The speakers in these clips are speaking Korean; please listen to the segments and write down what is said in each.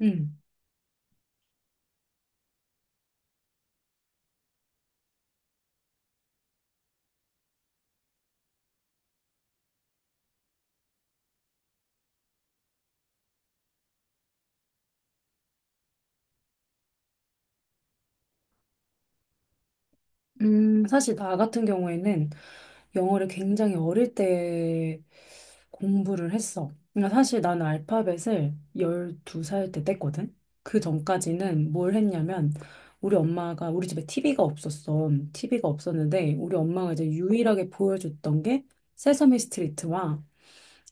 음, 사실 나 같은 경우에는 영어를 굉장히 어릴 때 공부를 했어. 그러니까 사실 나는 알파벳을 12살 때 뗐거든? 그 전까지는 뭘 했냐면, 우리 엄마가, 우리 집에 TV가 없었어. TV가 없었는데, 우리 엄마가 이제 유일하게 보여줬던 게 세서미 스트리트와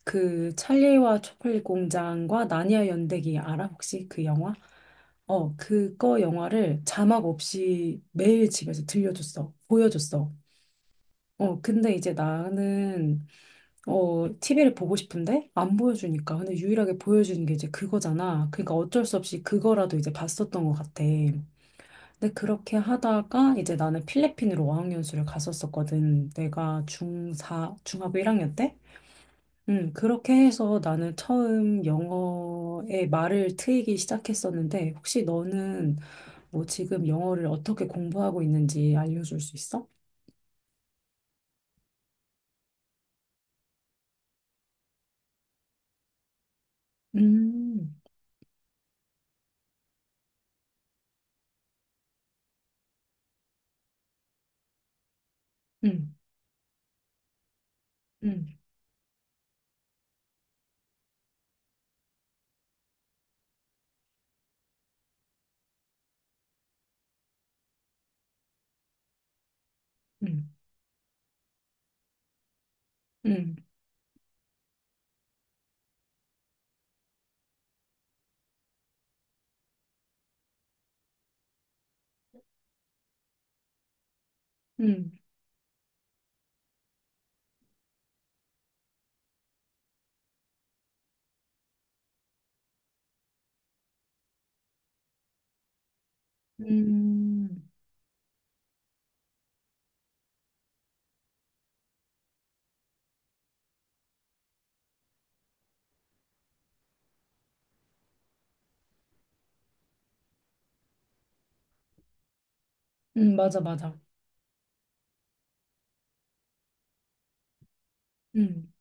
그 찰리와 초콜릿 공장과 나니아 연대기 알아? 혹시 그 영화? 어, 그거 영화를 자막 없이 매일 집에서 들려줬어. 보여줬어. 어, 근데 이제 나는, TV를 보고 싶은데 안 보여주니까. 근데 유일하게 보여주는 게 이제 그거잖아. 그러니까 어쩔 수 없이 그거라도 이제 봤었던 것 같아. 근데 그렇게 하다가 이제 나는 필리핀으로 어학연수를 갔었었거든. 내가 중4, 중학교 1학년 때? 그렇게 해서 나는 처음 영어의 말을 트이기 시작했었는데, 혹시 너는 뭐 지금 영어를 어떻게 공부하고 있는지 알려줄 수 있어? 음, 음, 음, 음, 음, 음, 음, 맞아, 맞아. 음,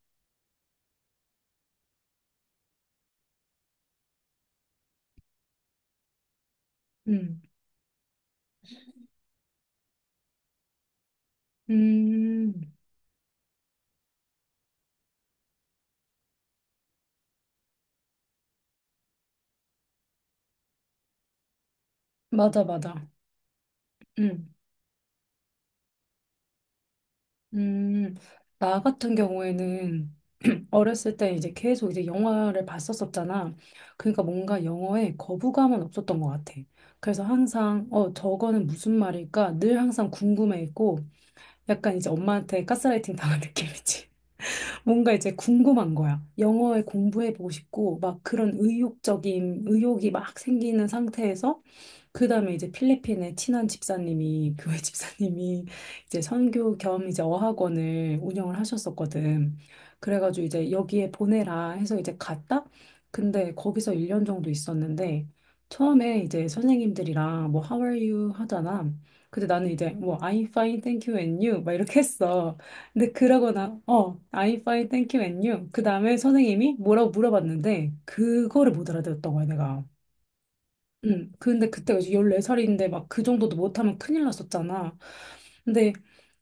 음, 음, 맞아, 맞아. 음, 음, 나 같은 경우에는 어렸을 때 이제 계속 이제 영화를 봤었었잖아. 그러니까 뭔가 영어에 거부감은 없었던 것 같아. 그래서 항상, 저거는 무슨 말일까? 늘 항상 궁금해 했고, 약간 이제 엄마한테 가스라이팅 당한 느낌이지. 뭔가 이제 궁금한 거야. 영어에 공부해보고 싶고, 막 그런 의욕이 막 생기는 상태에서 그다음에 이제 필리핀의 친한 집사님이 교회 집사님이 이제 선교 겸 이제 어학원을 운영을 하셨었거든. 그래가지고 이제 여기에 보내라 해서 이제 갔다. 근데 거기서 1년 정도 있었는데 처음에 이제 선생님들이랑 뭐 How are you 하잖아. 근데 나는 이제 뭐 I'm fine, thank you and you 막 이렇게 했어. 근데 그러거나 I'm fine, thank you and you 그 다음에 선생님이 뭐라고 물어봤는데 그거를 못 알아들었던 거야 내가. 응. 근데 그때가 이제 14살인데 막 그 정도도 못하면 큰일 났었잖아. 근데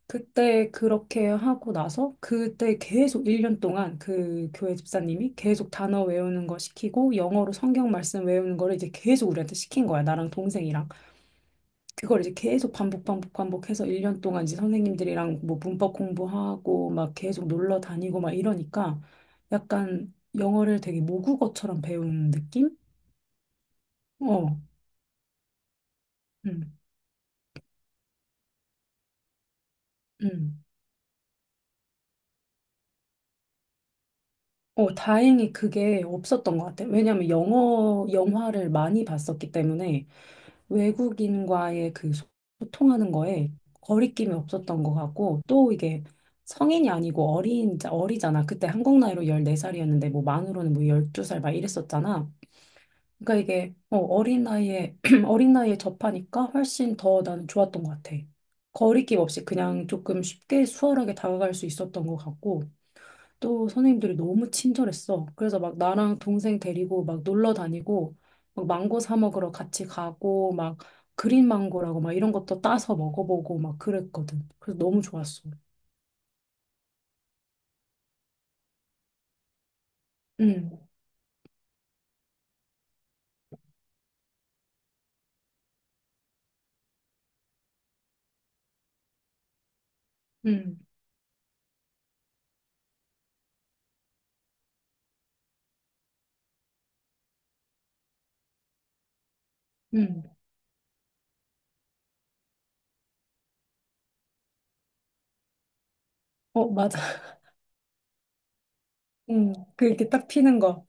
그때 그렇게 하고 나서 그때 계속 1년 동안 그 교회 집사님이 계속 단어 외우는 거 시키고 영어로 성경 말씀 외우는 거를 이제 계속 우리한테 시킨 거야. 나랑 동생이랑. 그걸 이제 계속 반복 반복 반복해서 1년 동안 이제 선생님들이랑 뭐 문법 공부하고 막 계속 놀러 다니고 막 이러니까 약간 영어를 되게 모국어처럼 배우는 느낌? 어. 응. 응. 어, 다행히 그게 없었던 것 같아요. 왜냐하면 영어, 영화를 많이 봤었기 때문에 외국인과의 그 소통하는 거에 거리낌이 없었던 것 같고 또 이게 성인이 아니고 어린, 어리잖아. 그때 한국 나이로 14살이었는데 뭐 만으로는 뭐 12살 막 이랬었잖아. 그러니까 이게 어린 나이에, 어린 나이에 접하니까 훨씬 더 나는 좋았던 것 같아. 거리낌 없이 그냥 조금 쉽게 수월하게 다가갈 수 있었던 것 같고 또 선생님들이 너무 친절했어. 그래서 막 나랑 동생 데리고 막 놀러 다니고, 막 망고 사 먹으러 같이 가고, 막 그린 망고라고 막 이런 것도 따서 먹어보고 막 그랬거든. 그래서 너무 좋았어. 응, 응, 응. 어, 맞아. 응, 그 이렇게 딱 피는 거.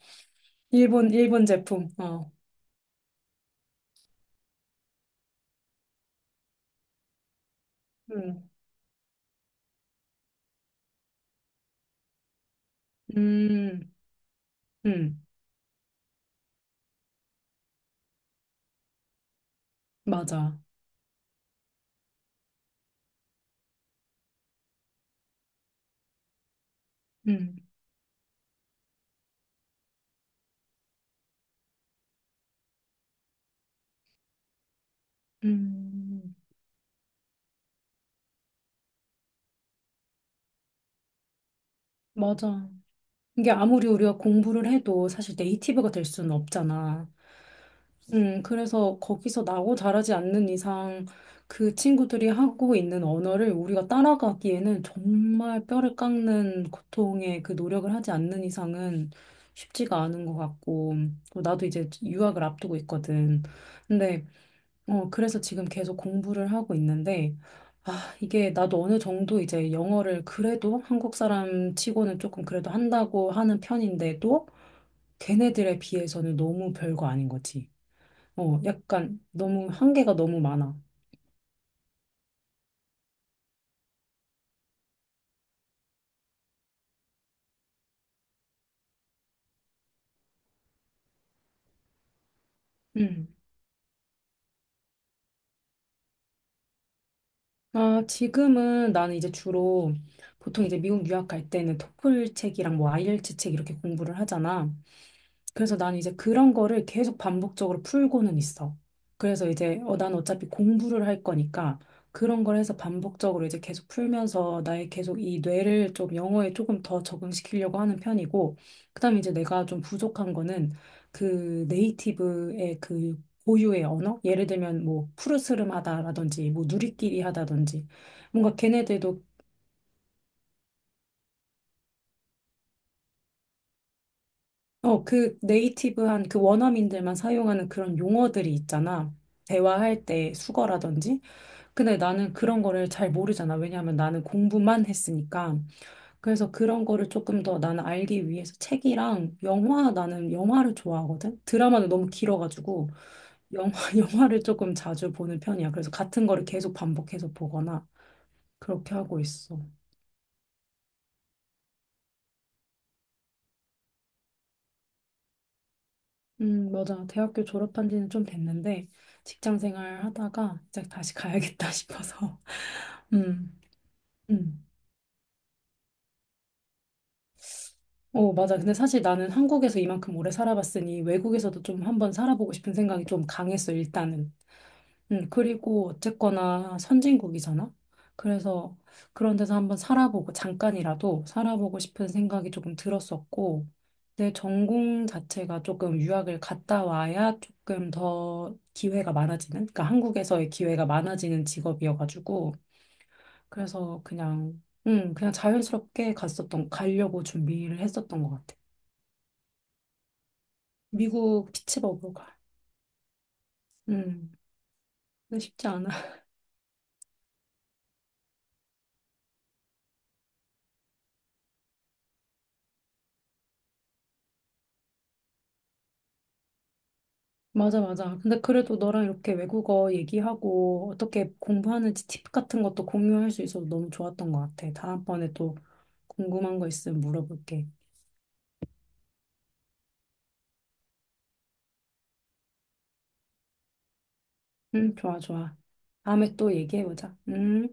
일본 제품. 어, 응, 음, 응, 맞아. 응, 음, 맞아. 이게 아무리 우리가 공부를 해도 사실 네이티브가 될 수는 없잖아. 그래서 거기서 나고 자라지 않는 이상 그 친구들이 하고 있는 언어를 우리가 따라가기에는 정말 뼈를 깎는 고통의 그 노력을 하지 않는 이상은 쉽지가 않은 것 같고, 또 나도 이제 유학을 앞두고 있거든. 근데, 그래서 지금 계속 공부를 하고 있는데, 아, 이게 나도 어느 정도 이제 영어를 그래도 한국 사람 치고는 조금 그래도 한다고 하는 편인데도 걔네들에 비해서는 너무 별거 아닌 거지. 약간 너무 한계가 너무 많아. 음, 아, 지금은 나는 이제 주로 보통 이제 미국 유학 갈 때는 토플 책이랑 뭐 아이엘츠 책 이렇게 공부를 하잖아. 그래서 난 이제 그런 거를 계속 반복적으로 풀고는 있어. 그래서 이제 난 어차피 공부를 할 거니까 그런 걸 해서 반복적으로 이제 계속 풀면서 나의 계속 이 뇌를 좀 영어에 조금 더 적응시키려고 하는 편이고, 그다음에 이제 내가 좀 부족한 거는 그 네이티브의 그 고유의 언어? 예를 들면 뭐 푸르스름하다라든지 뭐 누리끼리 하다든지 뭔가 걔네들도 그 네이티브한 그 원어민들만 사용하는 그런 용어들이 있잖아. 대화할 때 수거라든지. 근데 나는 그런 거를 잘 모르잖아. 왜냐하면 나는 공부만 했으니까. 그래서 그런 거를 조금 더 나는 알기 위해서 책이랑 영화, 나는 영화를 좋아하거든. 드라마는 너무 길어가지고 영화, 영화를 조금 자주 보는 편이야. 그래서 같은 거를 계속 반복해서 보거나 그렇게 하고 있어. 맞아. 대학교 졸업한 지는 좀 됐는데, 직장 생활 하다가 이제 다시 가야겠다 싶어서. 음, 음. 어, 맞아. 근데 사실 나는 한국에서 이만큼 오래 살아봤으니 외국에서도 좀 한번 살아보고 싶은 생각이 좀 강했어, 일단은. 그리고 어쨌거나 선진국이잖아. 그래서 그런 데서 한번 살아보고 잠깐이라도 살아보고 싶은 생각이 조금 들었었고 내 전공 자체가 조금 유학을 갔다 와야 조금 더 기회가 많아지는, 그러니까 한국에서의 기회가 많아지는 직업이어가지고 그래서 그냥 그냥 자연스럽게 갔었던 가려고 준비를 했었던 것 같아. 미국 피츠버그가. 음, 근데 쉽지 않아. 맞아, 맞아. 근데 그래도 너랑 이렇게 외국어 얘기하고 어떻게 공부하는지 팁 같은 것도 공유할 수 있어서 너무 좋았던 것 같아. 다음번에 또 궁금한 거 있으면 물어볼게. 응, 좋아, 좋아. 다음에 또 얘기해보자. 음.